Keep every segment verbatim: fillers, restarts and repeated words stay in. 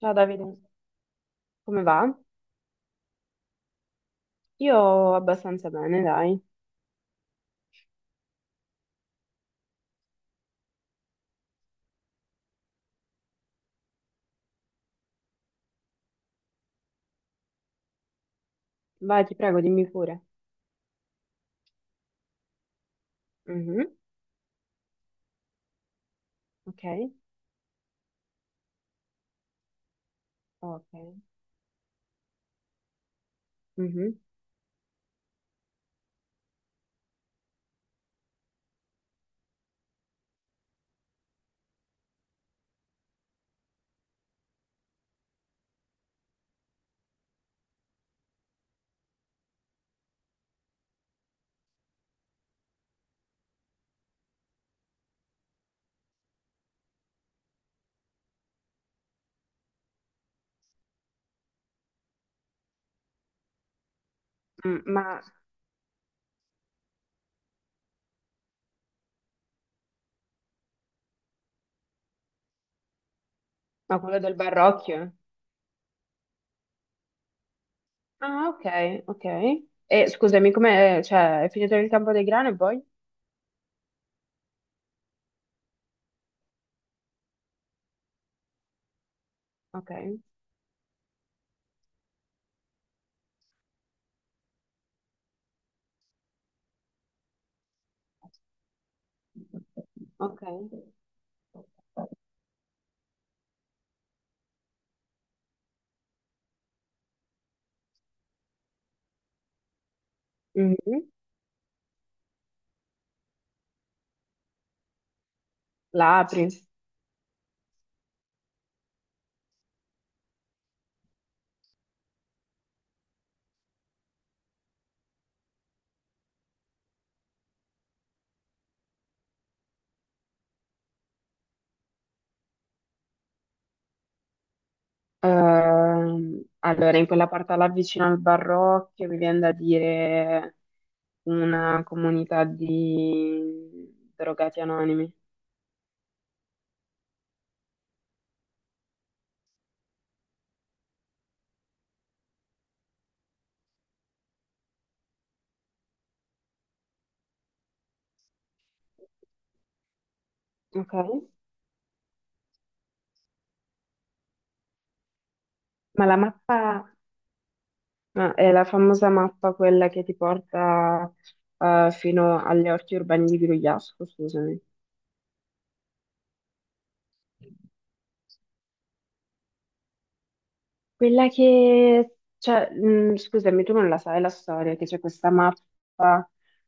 Ciao Davide, come va? Io abbastanza bene, dai. Vai, ti prego, dimmi pure. Mhm. Ok, ok. Mhm. Mm, ma, ma quello del Barrocchio? Ah, ok, ok. E scusami, come, cioè, è finito il campo dei grani e poi? Ok, ok. Mhm. La apri. Ehm, allora, in quella parte là vicino al Barrocchio, mi viene da dire una comunità di drogati anonimi. Ok. Ma la mappa, ma è la famosa mappa quella che ti porta eh, fino agli orti urbani di Grugliasco, scusami. Quella che, cioè, mh, scusami, tu non la sai la storia, che c'è questa mappa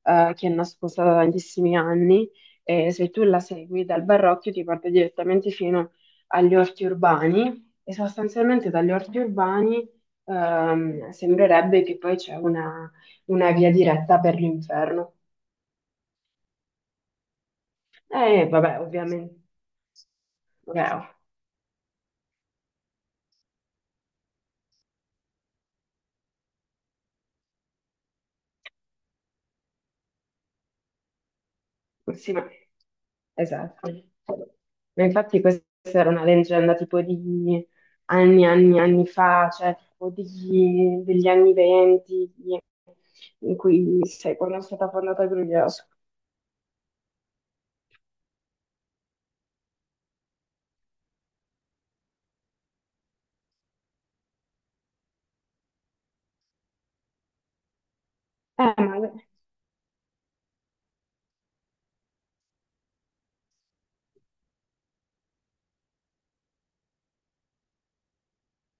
eh, che è nascosta da tantissimi anni e se tu la segui dal Barocchio ti porta direttamente fino agli orti urbani e sostanzialmente dagli orti urbani ehm, sembrerebbe che poi c'è una una via diretta per l'inferno. Eh, vabbè, ovviamente. Vabbè, oh, sì, ma... Esatto. Ma infatti questa era una leggenda tipo di anni, anni, anni fa, cioè tipo di- degli anni venti, di- in cui, sai, quando è stata fondata Gruglioso. Eh, ma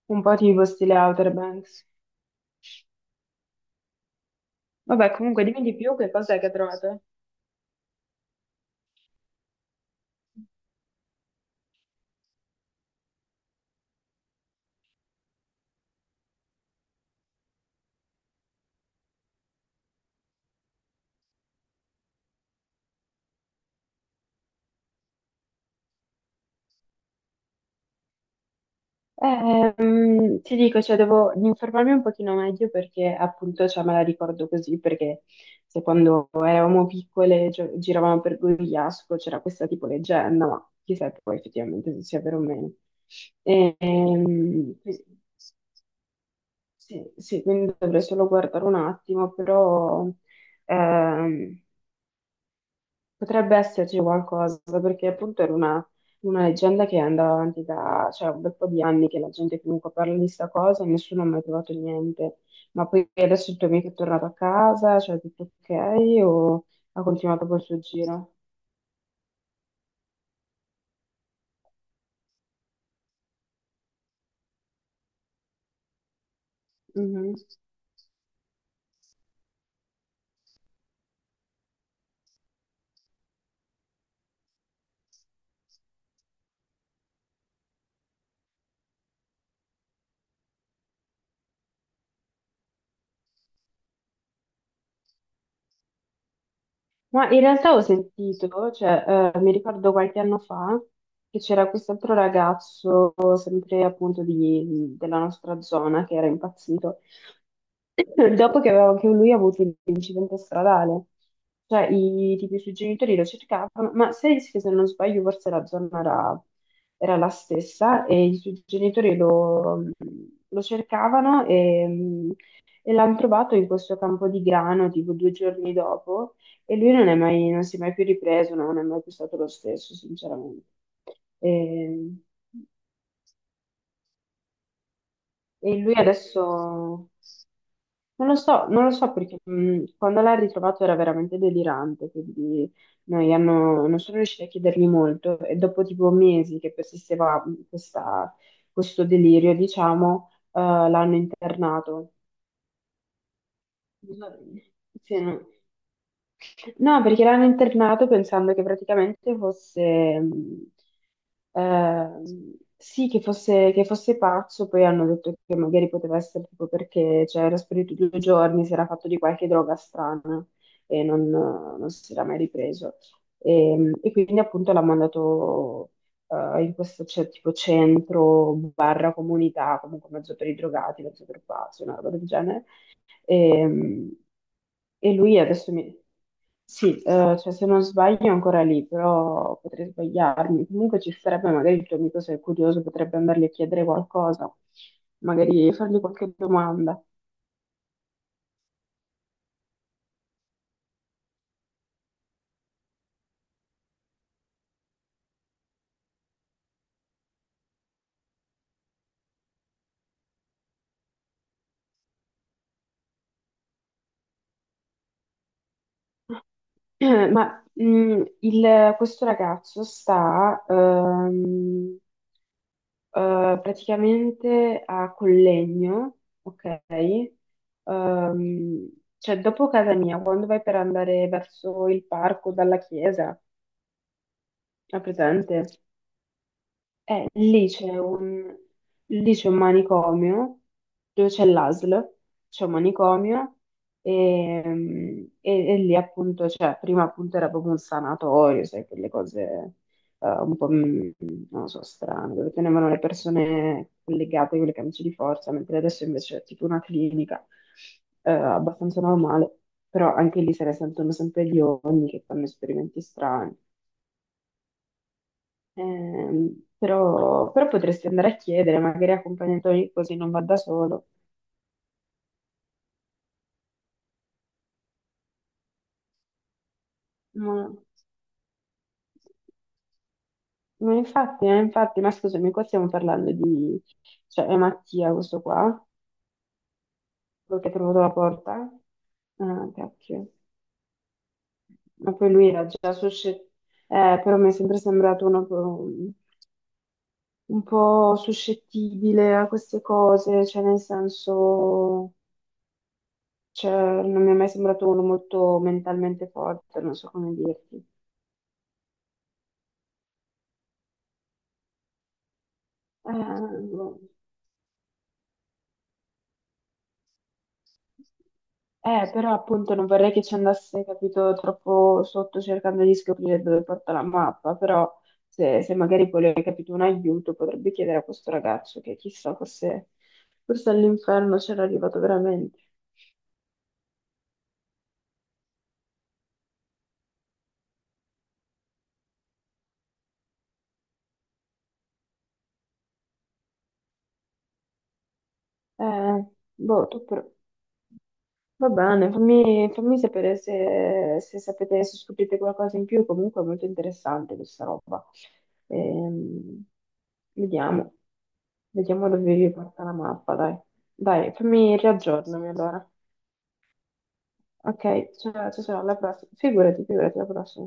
un po' tipo stile Outer Banks. Vabbè, comunque dimmi di più che cosa è che trovate. Ehm, ti dico, cioè, devo informarmi un pochino meglio perché appunto cioè, me la ricordo così, perché se quando eravamo piccole gio- giravamo per Gorigliasco c'era questa tipo leggenda, ma chissà poi effettivamente se sia vero o meno. Ehm, quindi- sì, sì, quindi dovrei solo guardare un attimo, però ehm, potrebbe esserci qualcosa, perché appunto era una, una leggenda che andava avanti da, cioè, un bel po' di anni che la gente comunque parla di sta cosa e nessuno ha mai trovato niente. Ma poi adesso il tuo amico è tornato a casa, cioè tutto ok, o ha continuato col suo giro? Mhm. Ma in realtà ho sentito, cioè, eh, mi ricordo qualche anno fa che c'era quest'altro ragazzo, sempre appunto di- della nostra zona, che era impazzito, dopo che, aveva- che lui ha avuto l'incidente stradale. Cioè, i, tipo, i suoi genitori lo cercavano, ma se, se non sbaglio forse la zona era, era la stessa e i suoi genitori lo, lo cercavano e e l'hanno trovato in questo campo di grano tipo due giorni dopo e lui non è mai- non si è mai più ripreso, no, non è mai più stato lo stesso, sinceramente. E, e lui adesso non lo so, non lo so perché mh, quando l'ha ritrovato era veramente delirante, quindi noi hanno- non sono riusciti a chiedergli molto e dopo tipo mesi che persisteva mh, questa- questo delirio, diciamo, eh, l'hanno internato. Non so- sì, no. No, perché l'hanno internato pensando che praticamente fosse, mh, ehm, sì, che fosse, che fosse pazzo, poi hanno detto che magari poteva essere tipo perché cioè, era sparito due giorni, si era fatto di qualche droga strana e non, non si era mai ripreso. E, e quindi appunto l'ha mandato eh, in questo c'è tipo centro, barra comunità, comunque mezzo per i drogati, mezzo per pazzi, una roba del genere. E, e lui adesso mi... Eh, cioè, se non sbaglio è ancora lì, però potrei sbagliarmi. Comunque ci sarebbe magari il tuo amico, se è curioso, potrebbe andargli a chiedere qualcosa, magari fargli qualche domanda. Eh, Ma mh, il- questo ragazzo sta ehm, eh, praticamente a Collegno, ok? Ehm, cioè, dopo casa mia, quando vai per andare verso il parco dalla chiesa, è presente? Eh, lì c'è un, lì c'è un manicomio dove c'è l'A S L, c'è un manicomio e, e- e lì appunto, cioè, prima appunto era proprio un sanatorio, sai, quelle cose eh, un po', mm, non lo so, strane, dove tenevano le persone legate con le camicie di forza, mentre adesso invece è tipo una clinica eh, abbastanza normale, però anche lì se ne sentono sempre gli ogni che fanno esperimenti strani. Ehm, però, però potresti andare a chiedere, magari accompagnatori così non va da solo. Ma, ma infatti, eh, infatti, ma scusami, qua stiamo parlando di... Cioè, è Mattia questo qua, quello che ha trovato la porta. Ah, cacchio. Ma poi lui era già suscettibile, però mi è sempre sembrato uno un un po' suscettibile a queste cose, cioè nel senso, cioè, non mi è mai sembrato uno molto mentalmente forte, non so come dirti. Eh, eh, Però appunto non vorrei che ci andasse, capito, troppo sotto cercando di scoprire dove porta la mappa, però se, se magari vuole, capito, un aiuto potrebbe chiedere a questo ragazzo che chissà, forse, forse all'inferno c'era arrivato veramente. Eh, boh, tu però. Va bene, fammi, fammi sapere se, se sapete, se scoprite qualcosa in più, comunque è molto interessante questa roba. Ehm, Vediamo, vediamo dove vi porta la mappa, dai. Dai, fammi riaggiornami allora. Ok, ciao, ciao, ciao, alla prossima. Figurati, figurati, alla prossima.